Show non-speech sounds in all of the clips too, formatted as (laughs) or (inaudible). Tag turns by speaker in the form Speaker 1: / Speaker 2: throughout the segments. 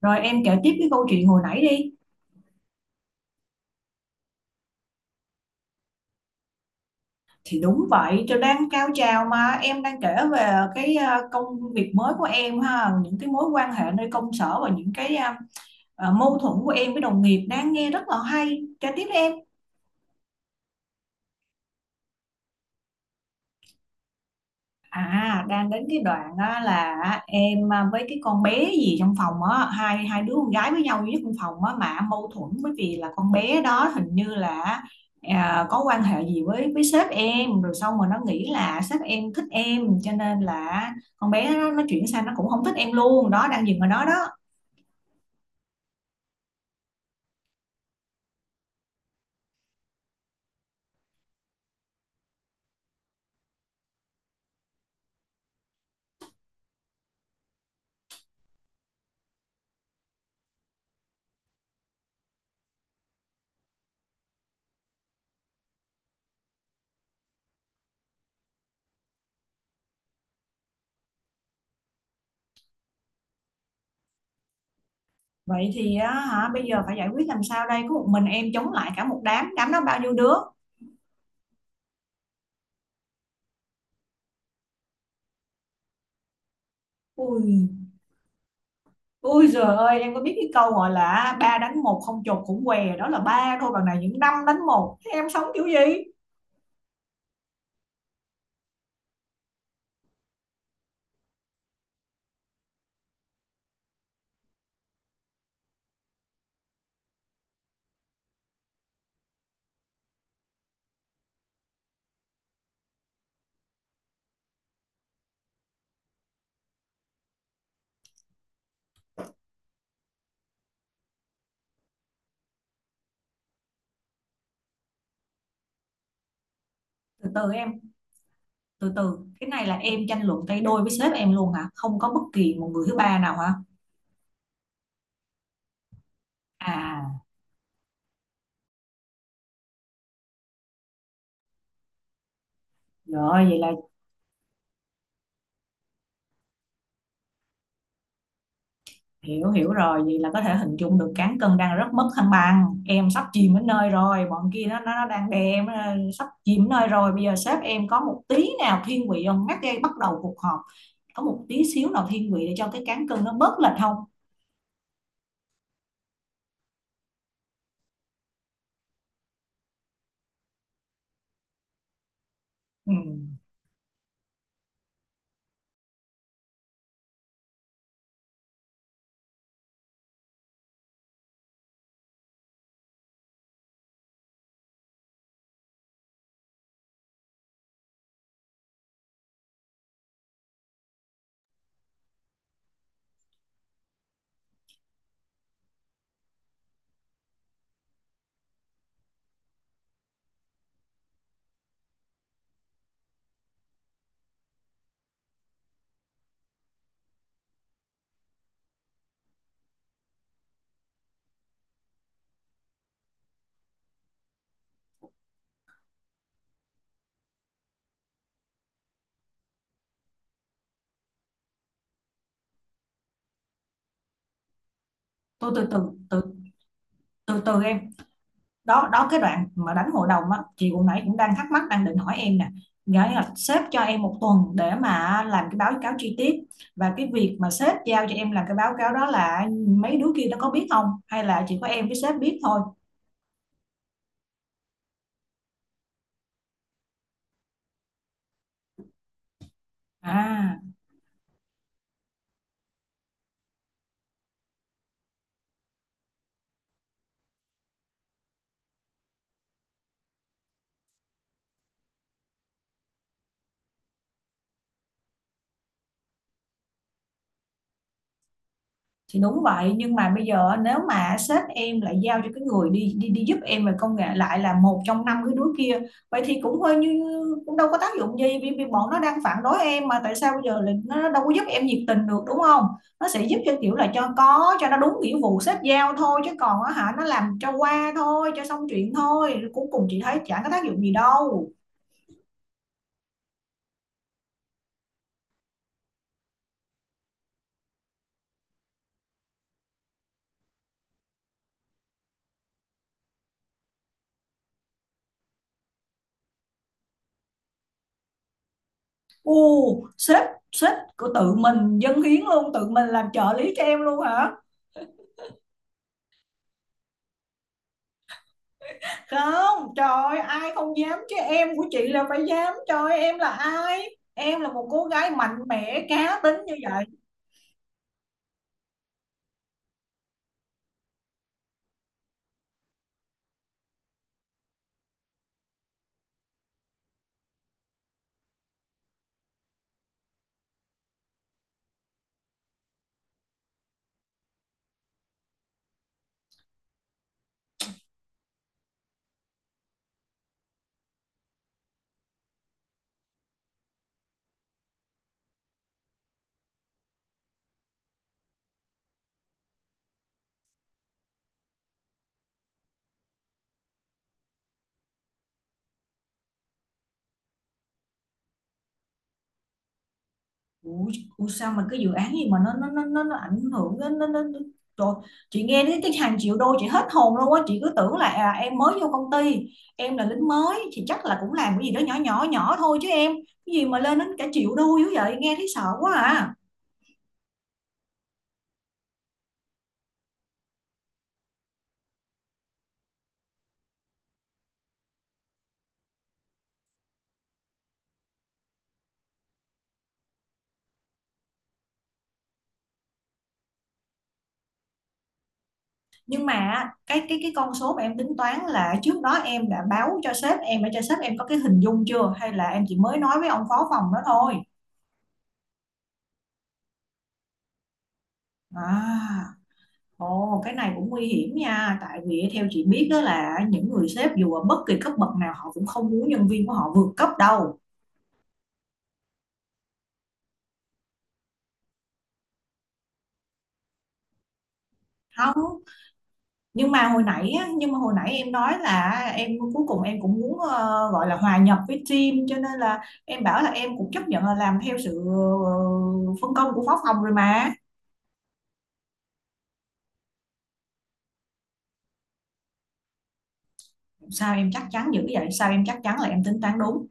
Speaker 1: Rồi em kể tiếp cái câu chuyện hồi nãy đi. Thì đúng vậy, tôi đang cao trào mà em đang kể về cái công việc mới của em ha, những cái mối quan hệ nơi công sở và những cái mâu thuẫn của em với đồng nghiệp, đang nghe rất là hay. Kể tiếp đi em. À, đang đến cái đoạn á, là em à, với cái con bé gì trong phòng á, hai hai đứa con gái với nhau duy nhất trong phòng á mà mâu thuẫn, bởi vì là con bé đó hình như là có quan hệ gì với sếp em, rồi xong rồi nó nghĩ là sếp em thích em cho nên là con bé nó chuyển sang nó cũng không thích em luôn đó, đang dừng ở đó đó. Vậy thì á, hả, bây giờ phải giải quyết làm sao đây, có một mình em chống lại cả một đám đám đó, bao nhiêu đứa? Ui. Ui giời ơi, em có biết cái câu gọi là ba đánh một không chột cũng què đó, là ba thôi, còn này những năm đánh một, thế em sống kiểu gì? Từ từ em. Từ từ, cái này là em tranh luận tay đôi với sếp em luôn hả, không có bất kỳ một người thứ ba nào hả? À, rồi vậy là hiểu, hiểu rồi, vậy là có thể hình dung được cán cân đang rất mất thăng bằng, em sắp chìm đến nơi rồi, bọn kia nó đang đè em sắp chìm đến nơi rồi, bây giờ sếp em có một tí nào thiên vị không, ngắt dây bắt đầu cuộc họp, có một tí xíu nào thiên vị để cho cái cán cân nó bớt lệch không? Ừ. Tôi, từ từ từ, từ từ em. Đó đó, cái đoạn mà đánh hội đồng á, chị hồi nãy cũng đang thắc mắc, đang định hỏi em nè. Nghĩa là sếp cho em một tuần để mà làm cái báo cáo chi tiết, và cái việc mà sếp giao cho em làm cái báo cáo đó là mấy đứa kia nó có biết không hay là chỉ có em với sếp biết thôi? À, thì đúng vậy, nhưng mà bây giờ nếu mà sếp em lại giao cho cái người đi đi đi giúp em về công nghệ lại là một trong năm cái đứa kia, vậy thì cũng hơi như, cũng đâu có tác dụng gì, vì bọn nó đang phản đối em mà, tại sao bây giờ lại nó đâu có giúp em nhiệt tình được, đúng không? Nó sẽ giúp cho kiểu là cho có, cho nó đúng nghĩa vụ sếp giao thôi, chứ còn á hả, nó làm cho qua thôi, cho xong chuyện thôi, cuối cùng chị thấy chẳng có tác dụng gì đâu. U sếp, sếp của tự mình dâng hiến luôn, tự mình làm trợ lý cho em luôn hả? Không, trời ơi, ai không dám chứ em của chị là phải dám. Trời ơi, em là ai, em là một cô gái mạnh mẽ cá tính như vậy. Ủa, ủa sao mà cái dự án gì mà nó ảnh hưởng đến nó. Trời, chị nghe đến cái hàng triệu đô chị hết hồn luôn á, chị cứ tưởng là em mới vô công ty, em là lính mới thì chắc là cũng làm cái gì đó nhỏ nhỏ nhỏ thôi chứ em, cái gì mà lên đến cả triệu đô dữ vậy, nghe thấy sợ quá à. Nhưng mà cái con số mà em tính toán là trước đó em đã báo cho sếp em để cho sếp em có cái hình dung chưa, hay là em chỉ mới nói với ông phó phòng đó thôi? À, ồ, cái này cũng nguy hiểm nha, tại vì theo chị biết đó là những người sếp dù ở bất kỳ cấp bậc nào họ cũng không muốn nhân viên của họ vượt cấp đâu. Không, nhưng mà hồi nãy á, nhưng mà hồi nãy em nói là em cuối cùng em cũng muốn gọi là hòa nhập với team, cho nên là em bảo là em cũng chấp nhận là làm theo sự phân công của phó phòng rồi mà. Sao em chắc chắn dữ vậy, sao em chắc chắn là em tính toán đúng?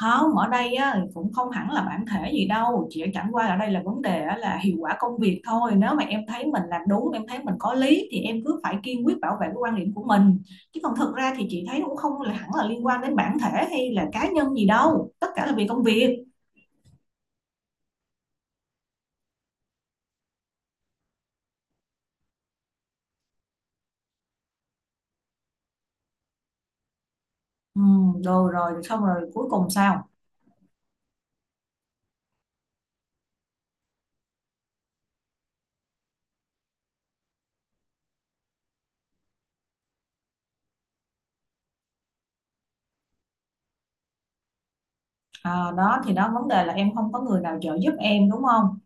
Speaker 1: Không, ở đây á, cũng không hẳn là bản thể gì đâu, chỉ chẳng qua ở đây là vấn đề á, là hiệu quả công việc thôi, nếu mà em thấy mình làm đúng, em thấy mình có lý thì em cứ phải kiên quyết bảo vệ cái quan điểm của mình. Chứ còn thực ra thì chị thấy cũng không là hẳn là liên quan đến bản thể hay là cá nhân gì đâu, tất cả là vì công việc. Ừ, rồi rồi xong rồi, cuối cùng sao? À, đó thì đó, vấn đề là em không có người nào trợ giúp em, đúng không?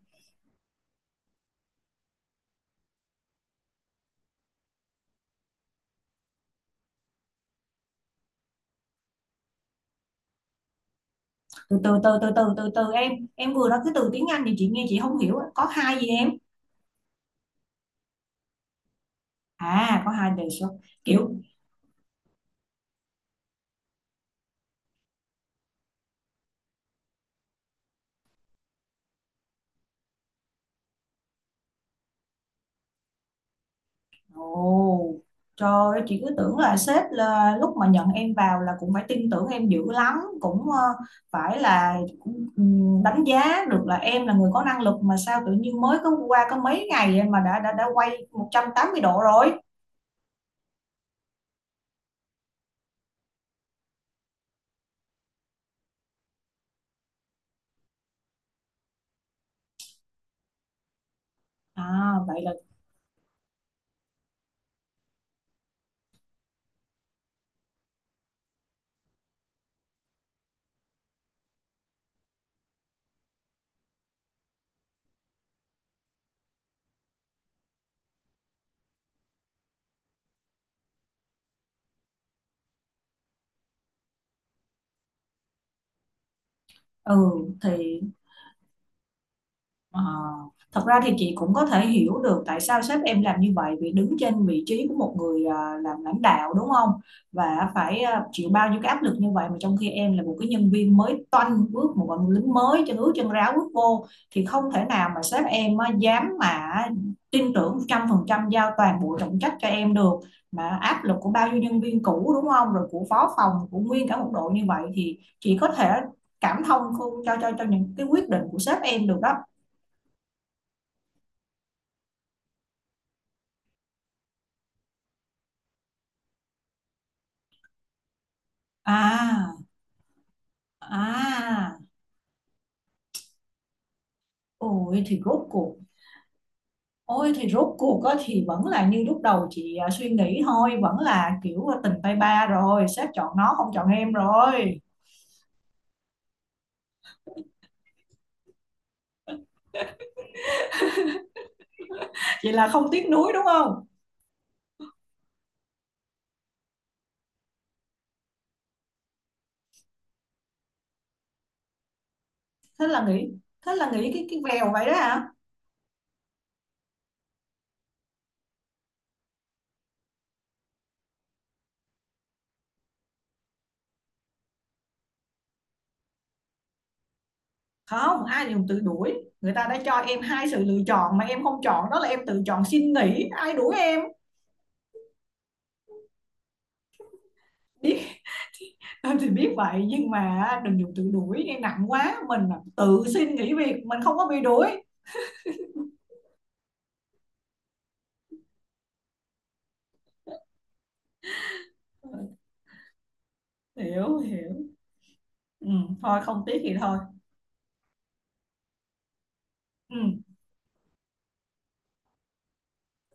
Speaker 1: Từ từ từ từ từ từ từ em vừa nói cái từ tiếng Anh thì chị nghe chị không hiểu á. Có hai gì em? À, có hai đề xuất, kiểu. Ồ, trời ơi, chị cứ tưởng là sếp là lúc mà nhận em vào là cũng phải tin tưởng em dữ lắm, cũng phải là cũng, đánh giá được là em là người có năng lực, mà sao tự nhiên mới có qua có mấy ngày mà đã quay 180 độ rồi? À vậy là, ừ thì. Ờ, thật ra thì chị cũng có thể hiểu được tại sao sếp em làm như vậy, vì đứng trên vị trí của một người làm lãnh đạo, đúng không? Và phải chịu bao nhiêu cái áp lực như vậy, mà trong khi em là một cái nhân viên mới toanh, bước một bạn lính mới chân ướt chân ráo bước vô, thì không thể nào mà sếp em á, dám mà tin tưởng 100% giao toàn bộ trọng trách cho em được. Mà áp lực của bao nhiêu nhân viên cũ, đúng không? Rồi của phó phòng, của nguyên cả một đội như vậy, thì chị có thể cảm thông không, cho những cái quyết định của sếp em được đó. À, à, ôi thì rốt cuộc, ôi thì rốt cuộc á, thì vẫn là như lúc đầu chị à, suy nghĩ thôi, vẫn là kiểu tình tay ba rồi, sếp chọn nó không chọn em rồi. Vậy là không tiếc nuối đúng không? Thế là nghĩ, thế là nghĩ cái vèo vậy đó hả? Không, ai dùng tự đuổi, người ta đã cho em hai sự lựa chọn mà em không chọn, đó là em tự chọn xin nghỉ, ai đuổi em? Biết, (laughs) em thì biết vậy nhưng mà đừng dùng tự đuổi, nghe nặng quá, mình là tự xin nghỉ việc, mình không có bị đuổi. Hiểu, hiểu. Ừ, thôi không tiếc thì thôi. Ừ.